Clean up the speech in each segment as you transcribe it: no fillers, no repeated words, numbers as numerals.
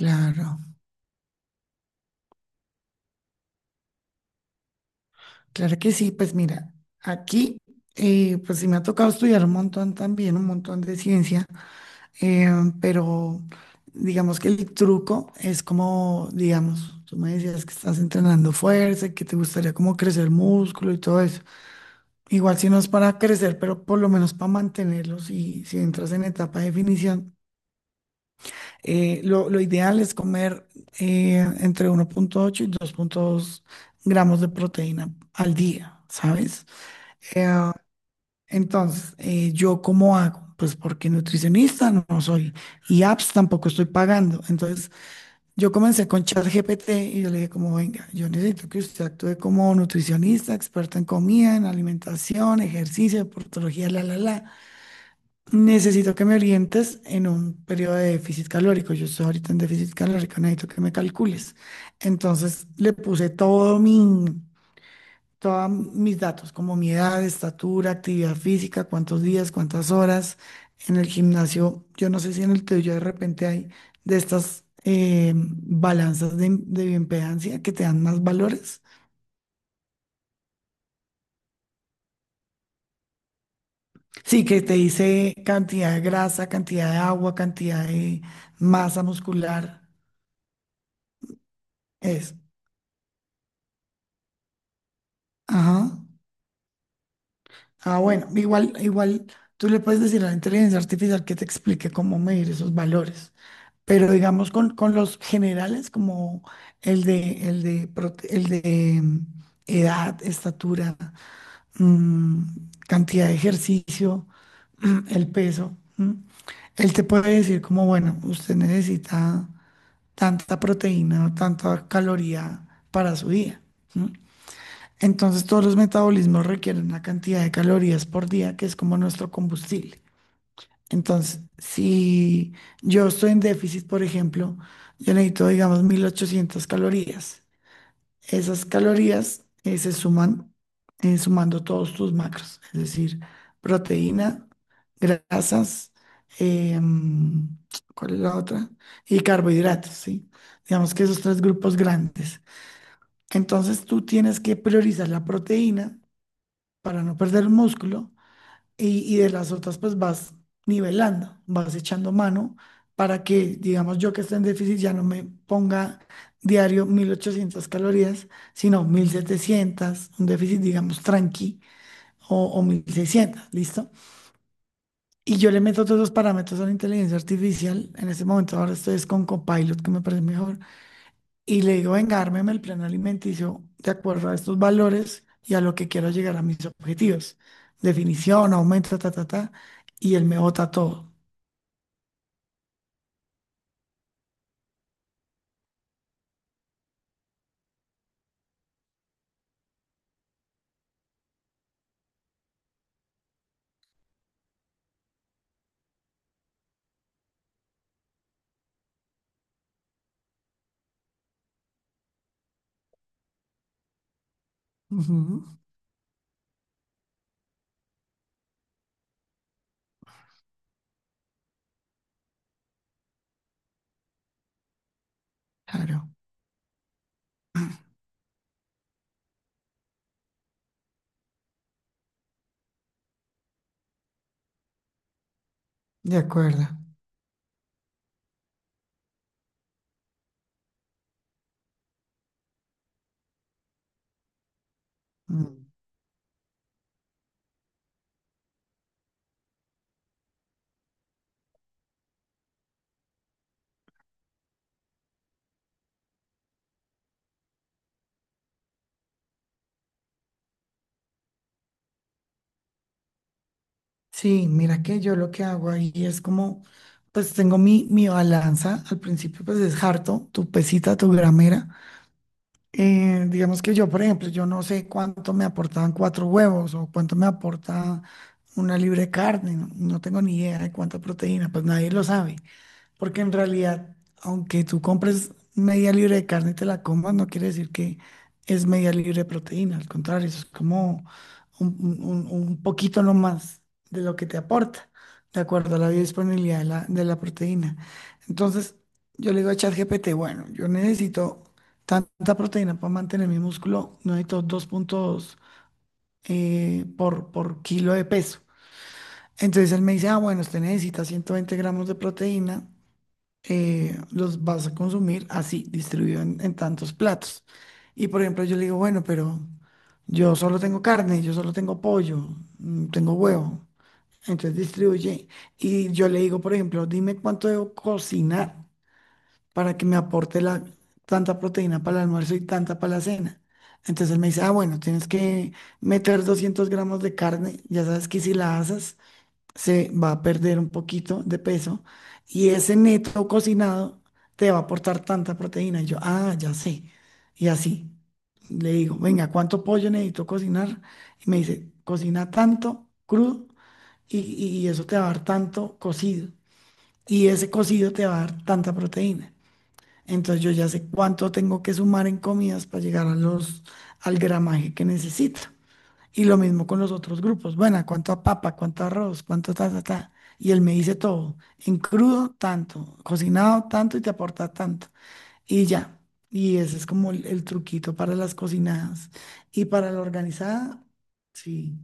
Claro, claro que sí. Pues mira, aquí, pues sí me ha tocado estudiar un montón también, un montón de ciencia, eh, pero digamos que el truco es como, digamos, tú me decías que estás entrenando fuerza, y que te gustaría como crecer músculo y todo eso. Igual si no es para crecer, pero por lo menos para mantenerlos y si entras en etapa de definición, lo ideal es comer entre 1,8 y 2,2 gramos de proteína al día, ¿sabes? Eh, entonces, ¿yo cómo hago? Pues porque nutricionista no, no soy y apps tampoco estoy pagando. Entonces, yo comencé con ChatGPT y yo le dije como, venga, yo necesito que usted actúe como nutricionista, experta en comida, en alimentación, ejercicio, deportología, la, la, la. Necesito que me orientes en un periodo de déficit calórico. Yo estoy ahorita en déficit calórico, necesito que me calcules. Entonces, le puse todos mis datos, como mi edad, estatura, actividad física, cuántos días, cuántas horas en el gimnasio. Yo no sé si en el tuyo de repente hay de estas balanzas de bioimpedancia que te dan más valores. Sí, que te dice cantidad de grasa, cantidad de agua, cantidad de masa muscular. Es Ajá. Ah, bueno, igual, igual tú le puedes decir a la inteligencia artificial que te explique cómo medir esos valores, pero digamos con los generales como el de edad, estatura, mm, cantidad de ejercicio, el peso, él te puede decir como, bueno, usted necesita tanta proteína o tanta caloría para su día. ¿No? Entonces todos los metabolismos requieren una cantidad de calorías por día que es como nuestro combustible. Entonces, si yo estoy en déficit, por ejemplo, yo necesito, digamos, 1800 calorías. Esas calorías se suman sumando todos tus macros, es decir, proteína, grasas, em, ¿cuál es la otra? Y carbohidratos, ¿sí? Digamos que esos tres grupos grandes. Entonces tú tienes que priorizar la proteína para no perder músculo y de las otras pues vas nivelando, vas echando mano para que, digamos, yo que estoy en déficit ya no me ponga diario 1800 calorías, sino 1700, un déficit, digamos, tranqui o 1600, ¿listo? Y yo le meto todos los parámetros a la inteligencia artificial. En este momento ahora estoy es con Copilot, que me parece mejor, y le digo, venga, ármeme el plan alimenticio de acuerdo a estos valores y a lo que quiero llegar a mis objetivos. Definición, aumento, ta, ta, ta. Y él me bota todo. Ujú. Claro, de acuerdo. Mm. Sí, mira que yo lo que hago ahí es como, pues tengo mi balanza. Al principio, pues es harto, tu pesita, tu gramera. Digamos que yo, por ejemplo, yo no sé cuánto me aportaban cuatro huevos o cuánto me aporta una libre carne, no, no tengo ni idea de cuánta proteína, pues nadie lo sabe. Porque en realidad, aunque tú compres media libra de carne y te la comas, no quiere decir que es media libra de proteína. Al contrario, eso es como un poquito nomás de lo que te aporta, de acuerdo a la biodisponibilidad de la proteína. Entonces, yo le digo a ChatGPT, bueno, yo necesito tanta proteína para mantener mi músculo, no necesito dos puntos por kilo de peso. Entonces él me dice, ah, bueno, usted necesita 120 gramos de proteína los vas a consumir así, distribuido en tantos platos. Y por ejemplo, yo le digo, bueno, pero yo solo tengo carne, yo solo tengo pollo, tengo huevo. Entonces distribuye. Y yo le digo, por ejemplo, dime cuánto debo cocinar para que me aporte tanta proteína para el almuerzo y tanta para la cena. Entonces él me dice, ah, bueno, tienes que meter 200 gramos de carne, ya sabes que si la asas se va a perder un poquito de peso y ese neto cocinado te va a aportar tanta proteína. Y yo, ah, ya sé. Y así le digo, venga, ¿cuánto pollo necesito cocinar? Y me dice, cocina tanto crudo y eso te va a dar tanto cocido. Y ese cocido te va a dar tanta proteína. Entonces yo ya sé cuánto tengo que sumar en comidas para llegar a al gramaje que necesito. Y lo mismo con los otros grupos. Bueno, ¿cuánto a papa? ¿Cuánto arroz? ¿Cuánto ta, ta, ta? Y él me dice todo. En crudo, tanto. Cocinado, tanto y te aporta tanto. Y ya. Y ese es como el truquito para las cocinadas. Y para la organizada, sí.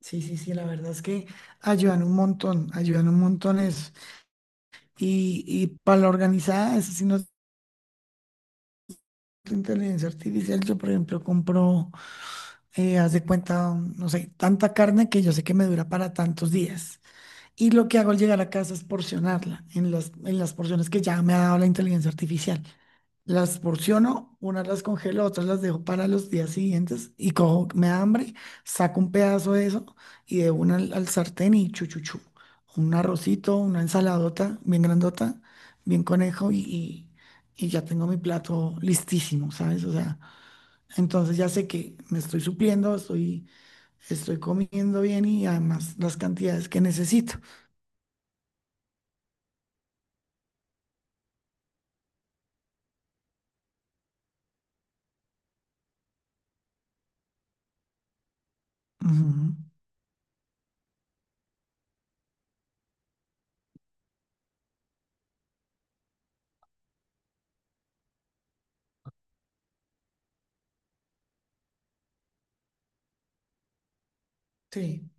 Sí, sí, sí. La verdad es que ayudan un montón. Ayudan un montón eso. Y para la organizada, eso sí no es inteligencia artificial. Yo, por ejemplo, compro, haz de cuenta, no sé, tanta carne que yo sé que me dura para tantos días. Y lo que hago al llegar a casa es porcionarla en las porciones que ya me ha dado la inteligencia artificial. Las porciono, unas las congelo, otras las dejo para los días siguientes y cojo, me da hambre, saco un pedazo de eso y de una al sartén y chuchuchu. Un arrocito, una ensaladota bien grandota, bien conejo y ya tengo mi plato listísimo, ¿sabes? O sea, entonces ya sé que me estoy supliendo, estoy comiendo bien y además las cantidades que necesito. Ujú. Sí,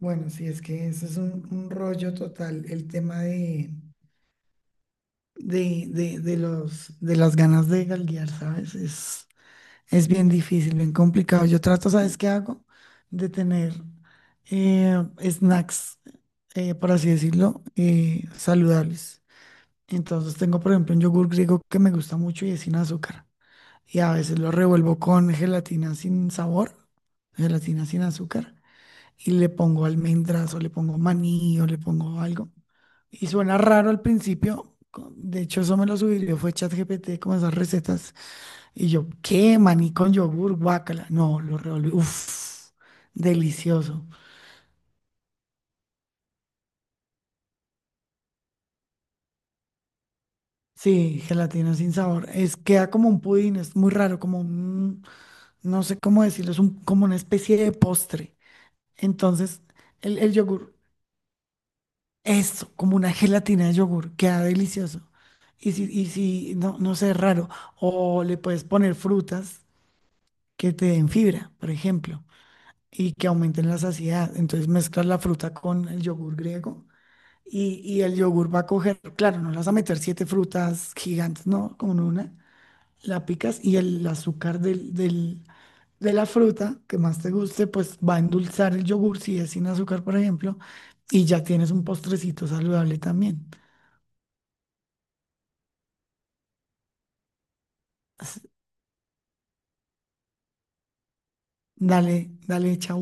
bueno, sí, es que eso es un rollo total, el tema de las ganas de galguear, ¿sabes? Es bien difícil, bien complicado. Yo trato, ¿sabes qué hago? De tener eh, snacks, por así decirlo, saludables. Entonces tengo, por ejemplo, un yogur griego que me gusta mucho y es sin azúcar. Y a veces lo revuelvo con gelatina sin sabor, gelatina sin azúcar. Y le pongo almendras o le pongo maní o le pongo algo. Y suena raro al principio. De hecho, eso me lo sugirió, fue ChatGPT con esas recetas. Y yo, ¿qué? Maní con yogur, guácala. No, lo revolví. Uf, delicioso. Sí, gelatina sin sabor. Queda como un pudín, es muy raro, no sé cómo decirlo, como una especie de postre. Entonces, el yogur. Esto, como una gelatina de yogur, queda delicioso. Y si no, no sé, raro. O le puedes poner frutas que te den fibra, por ejemplo, y que aumenten la saciedad. Entonces mezclas la fruta con el yogur griego y el yogur va a coger, claro, no le vas a meter siete frutas gigantes, no, con una, la picas y el azúcar de la fruta que más te guste, pues va a endulzar el yogur si es sin azúcar, por ejemplo, y ya tienes un postrecito saludable también. Dale, dale, chau.